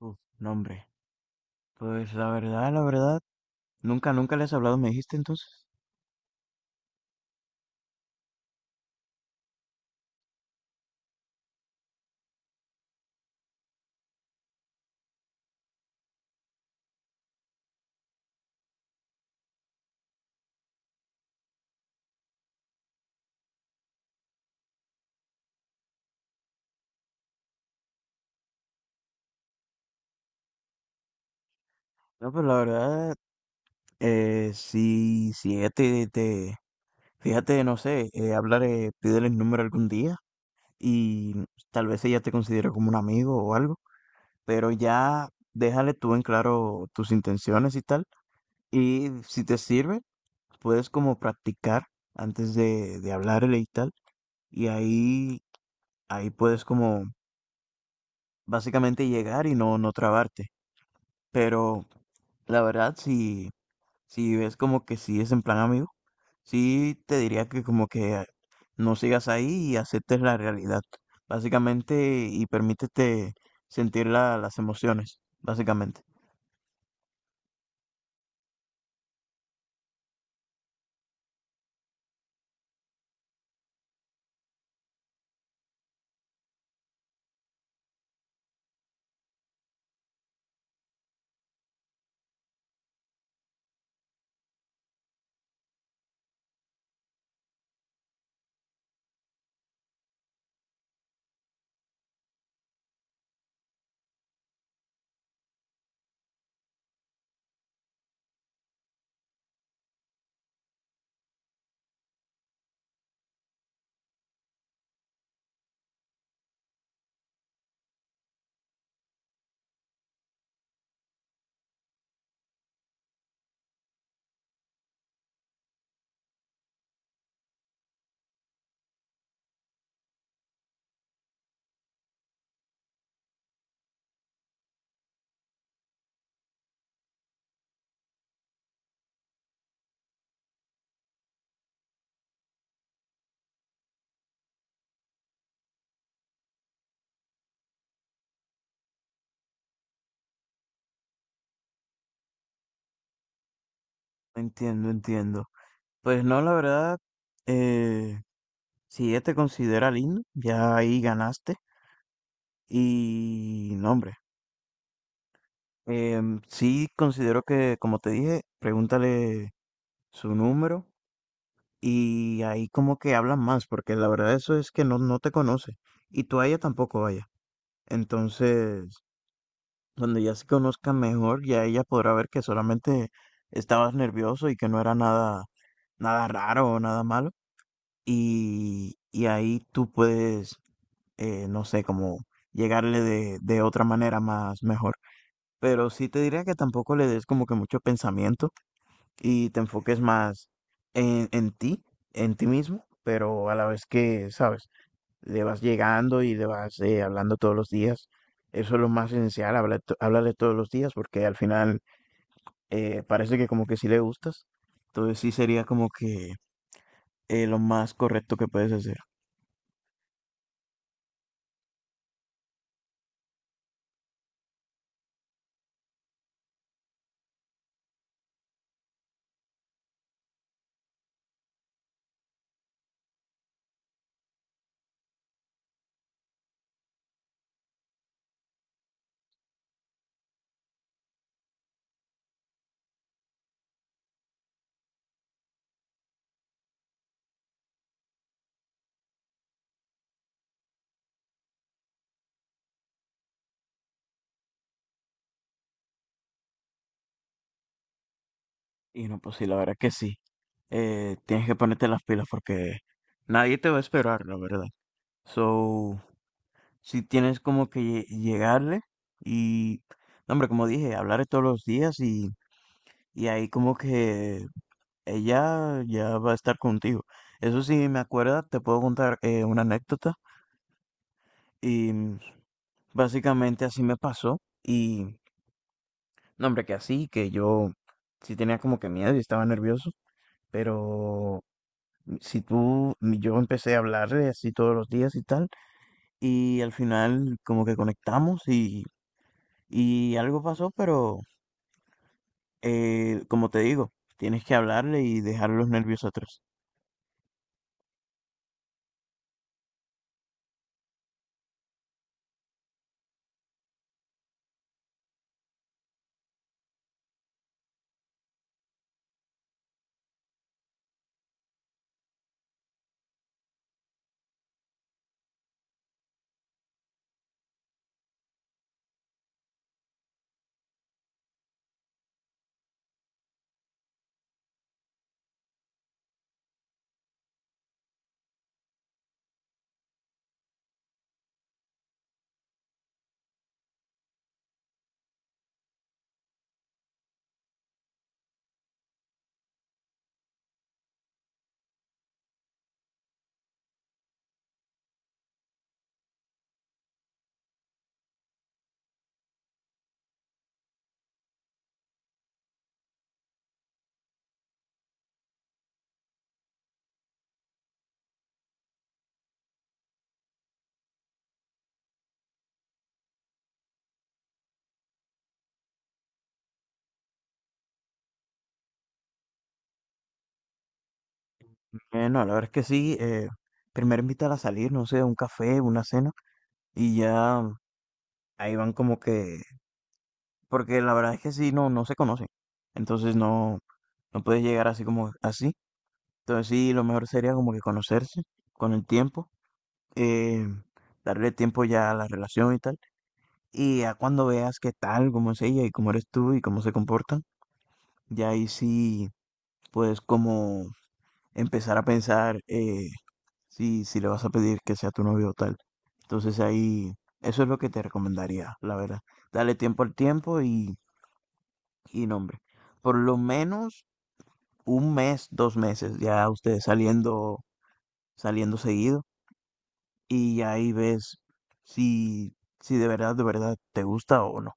Uf, no, hombre. Pues la verdad, nunca les has hablado, me dijiste entonces. No, pues la verdad, si ella fíjate, no sé, hablar, pídele el número algún día y tal vez ella te considere como un amigo o algo, pero ya déjale tú en claro tus intenciones y tal. Y si te sirve, puedes como practicar antes de hablarle y tal. Y ahí puedes como básicamente llegar y no trabarte. Pero la verdad, si, si ves como que sí es en plan amigo, sí te diría que como que no sigas ahí y aceptes la realidad, básicamente, y permítete sentir las emociones, básicamente. Entiendo, entiendo. Pues no, la verdad, eh, si ella te considera lindo, ya ahí ganaste. Y no, hombre, sí considero que, como te dije, pregúntale su número. Y ahí como que hablan más, porque la verdad eso es que no te conoce. Y tú a ella tampoco vaya. Entonces, cuando ya se conozcan mejor, ya ella podrá ver que solamente estabas nervioso y que no era nada, nada raro o nada malo. Y ahí tú puedes, no sé, como llegarle de otra manera más mejor. Pero sí te diría que tampoco le des como que mucho pensamiento y te enfoques más en, en ti, en ti mismo, pero a la vez que, sabes, le vas llegando y le vas hablando todos los días. Eso es lo más esencial, háblale todos los días porque al final parece que como que sí le gustas. Entonces sí sería como que lo más correcto que puedes hacer. Y no, pues sí, la verdad que sí. Tienes que ponerte las pilas porque nadie te va a esperar, la verdad. So, si tienes como que llegarle y, no, hombre, como dije, hablar todos los días y ahí como que ella ya va a estar contigo. Eso sí, me acuerda, te puedo contar una anécdota y mm, básicamente así me pasó no, hombre, que así, que yo sí tenía como que miedo y estaba nervioso, pero si tú, yo empecé a hablarle así todos los días y tal . Y al final como que conectamos y algo pasó, pero... Como te digo, tienes que hablarle y dejar los nervios atrás. No, la verdad es que sí. Primero invítala a salir, no sé, a un café, una cena, y ya ahí van como que, porque la verdad es que sí, no se conocen. Entonces no puedes llegar así como así. Entonces sí, lo mejor sería como que conocerse con el tiempo, eh, darle tiempo ya a la relación y tal. Y ya cuando veas qué tal, cómo es ella y cómo eres tú y cómo se comportan, ya ahí sí, pues como empezar a pensar si, si le vas a pedir que sea tu novio o tal. Entonces ahí, eso es lo que te recomendaría, la verdad. Dale tiempo al tiempo y nombre. Por lo menos un mes, dos meses, ya ustedes saliendo, saliendo seguido y ahí ves si, si de verdad, de verdad te gusta o no.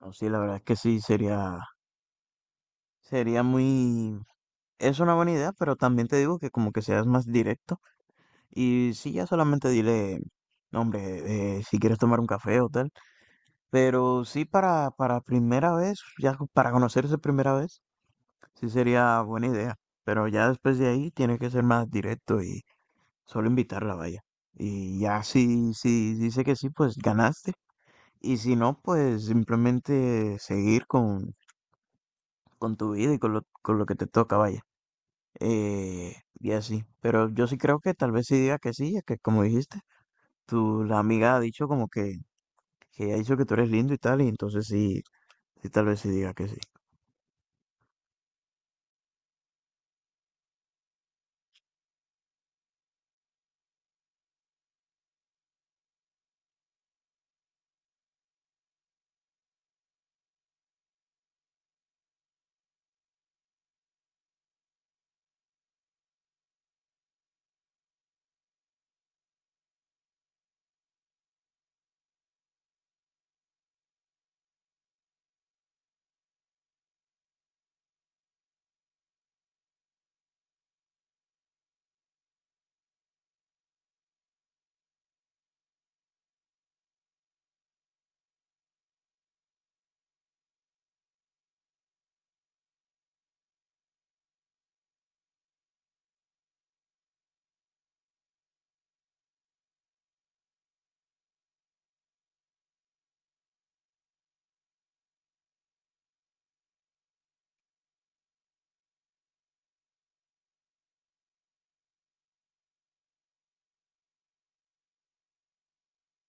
No, sí, la verdad es que sí, sería, sería muy, es una buena idea, pero también te digo que como que seas más directo. Y sí, ya solamente dile, "No, hombre, si quieres tomar un café o tal, pero sí para primera vez, ya para conocerse primera vez, sí sería buena idea, pero ya después de ahí tiene que ser más directo y solo invitarla, vaya. Y ya si, si dice que sí, pues ganaste, y si no, pues simplemente seguir con tu vida y con lo que te toca, vaya. Y así, pero yo sí creo que tal vez sí diga que sí, ya que como dijiste. Tu, la amiga ha dicho como que ella ha dicho que tú eres lindo y tal, y entonces sí, sí, tal vez sí diga que sí.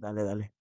Dale, dale.